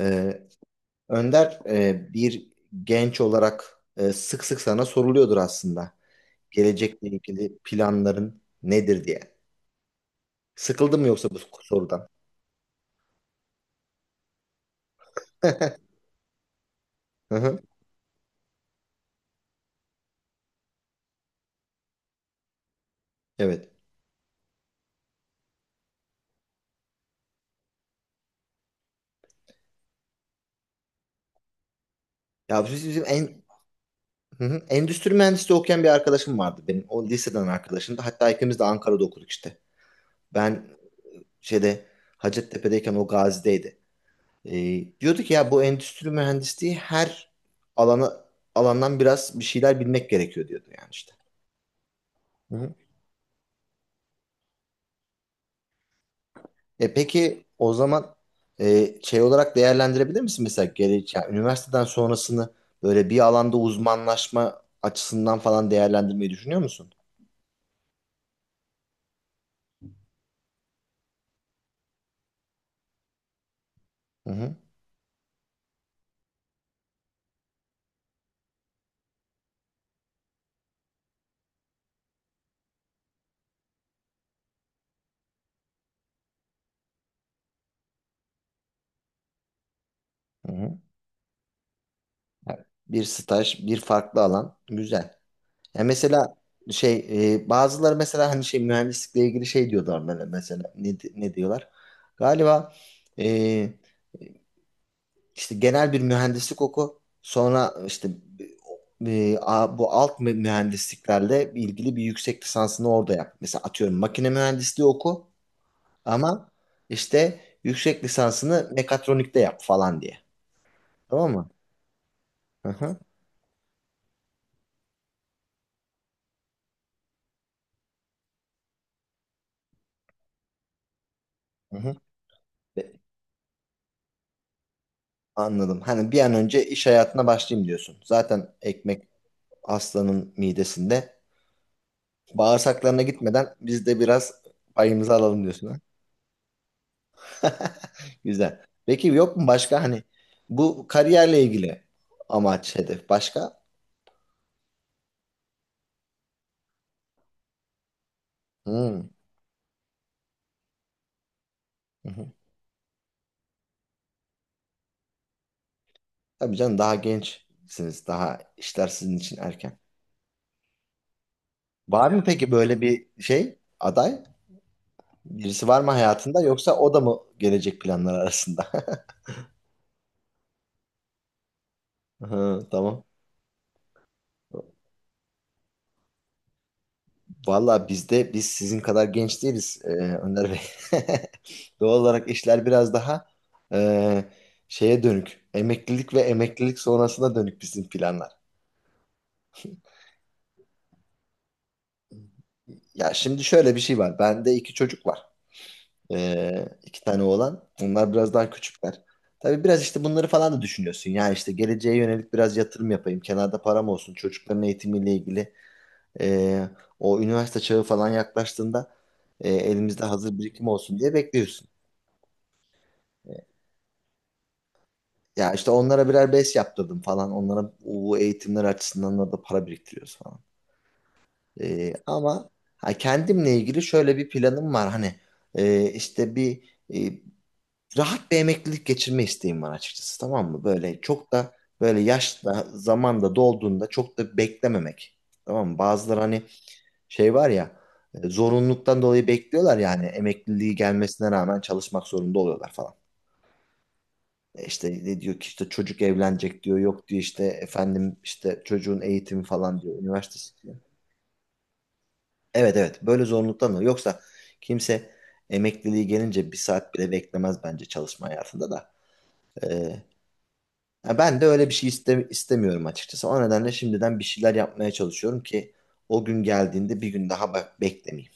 Ee, Önder, bir genç olarak, sık sık sana soruluyordur aslında. Gelecekle ilgili planların nedir diye. Sıkıldın mı yoksa bu sorudan? Hı hı, evet. Ya biz- bizim en, hı hı, endüstri mühendisliği okuyan bir arkadaşım vardı benim. O liseden arkadaşımdı. Hatta ikimiz de Ankara'da okuduk işte. Ben şeyde Hacettepe'deyken o Gazi'deydi. Diyordu ki ya bu endüstri mühendisliği her alana alandan biraz bir şeyler bilmek gerekiyor diyordu yani işte. E peki o zaman, şey olarak değerlendirebilir misin mesela yani üniversiteden sonrasını böyle bir alanda uzmanlaşma açısından falan değerlendirmeyi düşünüyor musun? Hı hı. hı hı. Yani bir staj, bir farklı alan güzel. Ya mesela şey bazıları mesela hani şey mühendislikle ilgili şey diyorlar böyle mesela ne diyorlar? Galiba, e, İşte genel bir mühendislik oku. Sonra işte, bu mühendisliklerle ilgili bir yüksek lisansını orada yap. Mesela atıyorum makine mühendisliği oku ama işte yüksek lisansını mekatronikte yap falan diye. Tamam mı? Hı hı. Hı hı. Ve- Anladım. Hani bir an önce iş hayatına başlayayım diyorsun. Zaten ekmek aslanın midesinde. Bağırsaklarına gitmeden biz de biraz payımızı alalım diyorsun. Güzel. Peki yok mu başka hani bu kariyerle ilgili amaç, hedef başka? Hmm. Hı hı. Tabii canım, daha gençsiniz. Daha işler sizin için erken. Var mı peki böyle bir şey aday? Birisi var mı hayatında, yoksa o da mı gelecek planlar arasında? Hı, tamam. Vallahi bizde, biz sizin kadar genç değiliz, Önder Bey. Doğal olarak işler biraz daha, e, şeye dönük. Emeklilik ve emeklilik sonrasına dönük bizim planlar. Ya şimdi şöyle bir şey var. Bende iki çocuk var. İki tane oğlan. Onlar biraz daha küçükler. Tabii biraz işte bunları falan da düşünüyorsun. Yani işte geleceğe yönelik biraz yatırım yapayım. Kenarda param olsun. Çocukların eğitimiyle ilgili. ee, O üniversite çağı falan yaklaştığında elimizde hazır birikim olsun diye bekliyorsun. Ya işte onlara birer BES yaptırdım falan. Onlara bu eğitimler açısından da para biriktiriyoruz falan. Ama ha, kendimle ilgili şöyle bir planım var. Hani işte bir, e, rahat bir emeklilik geçirme isteğim var açıkçası, tamam mı? Böyle çok da, böyle yaşta zamanda dolduğunda, çok da beklememek. Tamam mı? Bazıları hani şey var ya, zorunluluktan dolayı bekliyorlar yani emekliliği gelmesine rağmen çalışmak zorunda oluyorlar falan. E İşte ne diyor ki, işte çocuk evlenecek diyor, yok diyor işte efendim işte çocuğun eğitimi falan diyor, üniversitesi diyor. Evet evet, böyle zorunluluktan dolayı, yoksa kimse emekliliği gelince bir saat bile beklemez bence çalışma hayatında da. Ee, Ya ben de öyle bir şey istemiyorum açıkçası. O nedenle şimdiden bir şeyler yapmaya çalışıyorum ki o gün geldiğinde bir gün daha bak beklemeyeyim.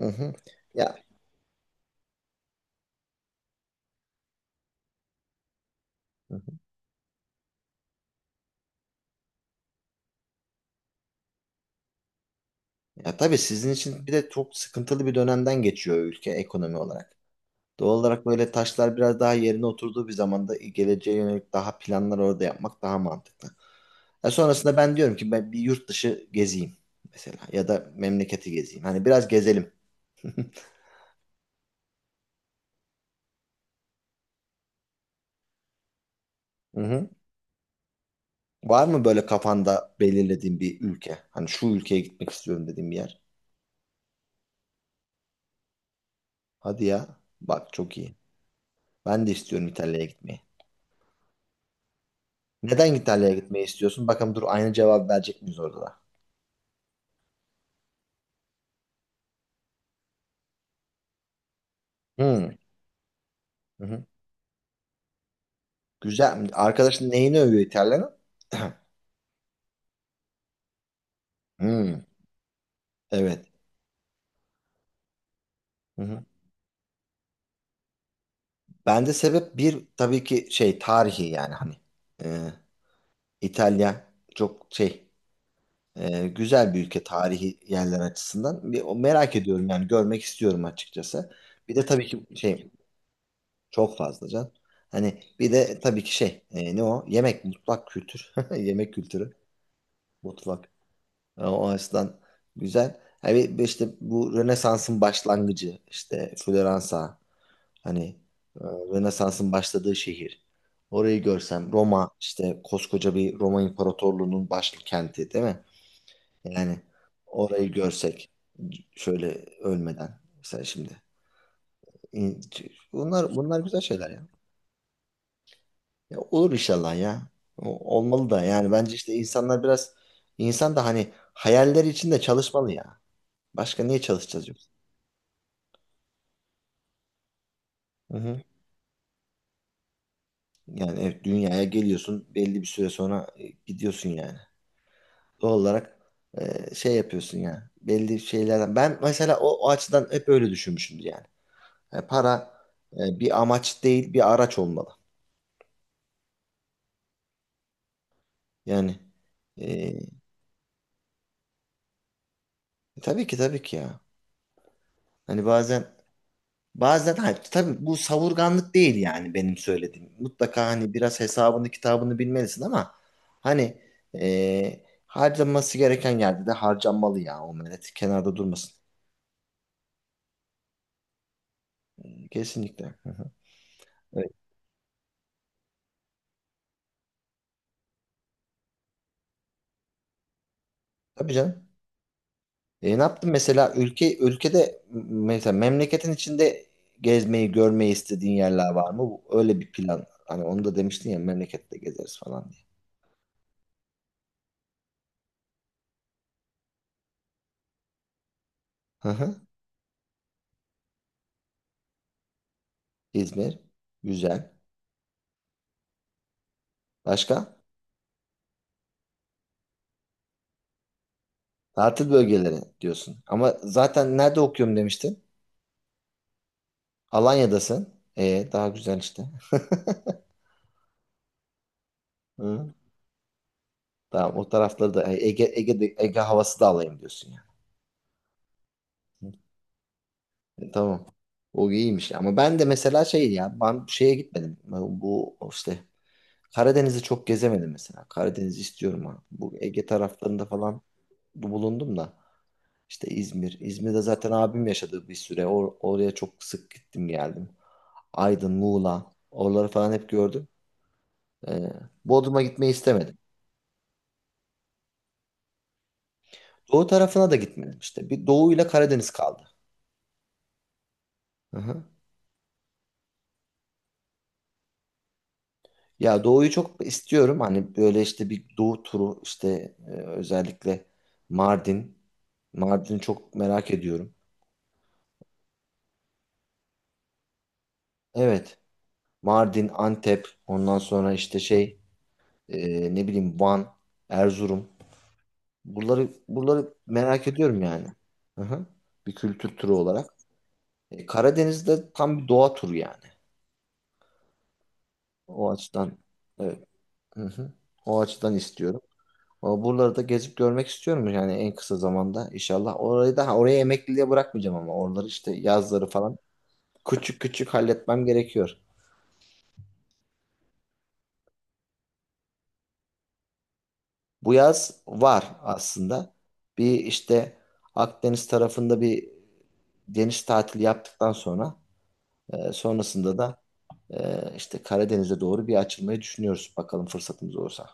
Hı hı. Ya, ya tabii sizin için bir de çok sıkıntılı bir dönemden geçiyor ülke ekonomi olarak. Doğal olarak böyle taşlar biraz daha yerine oturduğu bir zamanda geleceğe yönelik daha planlar orada yapmak daha mantıklı. Ya sonrasında ben diyorum ki ben bir yurt dışı gezeyim mesela, ya da memleketi gezeyim. Hani biraz gezelim. Hı hı. Var mı böyle kafanda belirlediğin bir ülke? Hani şu ülkeye gitmek istiyorum dediğin bir yer. Hadi ya. Bak çok iyi. Ben de istiyorum İtalya'ya gitmeyi. Neden İtalya'ya gitmeyi istiyorsun? Bakalım dur, aynı cevap verecek miyiz orada da? Hmm. Hı hı. Güzel. Arkadaşın neyini övüyor İtalya'nın? Hmm. Evet. Hı hı. Ben de sebep bir tabii ki şey tarihi yani hani. Ee, İtalya çok şey, güzel bir ülke tarihi yerler açısından. Merak ediyorum yani, görmek istiyorum açıkçası. Bir de tabii ki şey, çok fazla can. Hani bir de tabii ki şey, ne o? Yemek, mutfak kültür. Yemek kültürü, mutfak. E, o açıdan güzel. Hani işte bu Rönesans'ın başlangıcı, işte Floransa, hani, Rönesans'ın başladığı şehir. Orayı görsem, Roma, işte koskoca bir Roma İmparatorluğu'nun başkenti değil mi? Yani orayı görsek şöyle ölmeden mesela şimdi. İn- bunlar güzel şeyler ya. Ya olur inşallah ya. Olmalı da yani, bence işte insanlar biraz, insan da hani hayalleri için de çalışmalı ya. Başka niye çalışacağız yoksa? Hı hı. Yani evet, dünyaya geliyorsun, belli bir süre sonra gidiyorsun yani. Doğal olarak, şey yapıyorsun yani. Belli şeylerden, ben mesela o açıdan hep öyle düşünmüşümdür yani. Yani para, bir amaç değil, bir araç olmalı. Yani e, tabii ki tabii ki ya. Hani bazen hayır, tabii bu savurganlık değil yani benim söylediğim. Mutlaka hani biraz hesabını kitabını bilmelisin, ama hani, harcanması gereken yerde de harcanmalı ya, o millet kenarda durmasın. Kesinlikle. Hı hı. Evet. Tabii canım. E, ne yaptın mesela ülkede, mesela memleketin içinde gezmeyi görmeyi istediğin yerler var mı? Öyle bir plan. Hani onu da demiştin ya, memlekette gezeriz falan diye. Hı hı. İzmir. Güzel. Başka? Tatil bölgeleri diyorsun. Ama zaten nerede okuyorum demiştin? Alanya'dasın. E, daha güzel işte. Hı. Tamam, o tarafları da, Ege havası da alayım diyorsun yani. E, tamam. O iyiymiş. Ama ben de mesela şey ya, ben şeye gitmedim. Ben bu işte Karadeniz'i çok gezemedim mesela. Karadeniz'i istiyorum ha. Bu Ege taraflarında falan bulundum da. İşte İzmir. İzmir'de zaten abim yaşadığı bir süre. Oraya çok sık gittim geldim. Aydın, Muğla. Oraları falan hep gördüm. Ee, Bodrum'a gitmeyi istemedim. Doğu tarafına da gitmedim işte. Bir Doğu ile Karadeniz kaldı. Hı hı. Ya Doğu'yu çok istiyorum. Hani böyle işte bir Doğu turu işte, özellikle Mardin. Mardin'i çok merak ediyorum. Evet. Mardin, Antep, ondan sonra işte şey, ne bileyim, Van, Erzurum. Buraları merak ediyorum yani. Hı hı. Bir kültür turu olarak. E, Karadeniz'de tam bir doğa turu yani. O açıdan evet. Hı hı. O açıdan istiyorum. Ama buraları da gezip görmek istiyorum yani en kısa zamanda inşallah. Orayı da ha, oraya emekliliğe bırakmayacağım, ama oraları işte yazları falan küçük küçük halletmem gerekiyor. Bu yaz var aslında. Bir işte Akdeniz tarafında bir deniz tatili yaptıktan sonra, sonrasında da, işte Karadeniz'e doğru bir açılmayı düşünüyoruz bakalım fırsatımız olursa.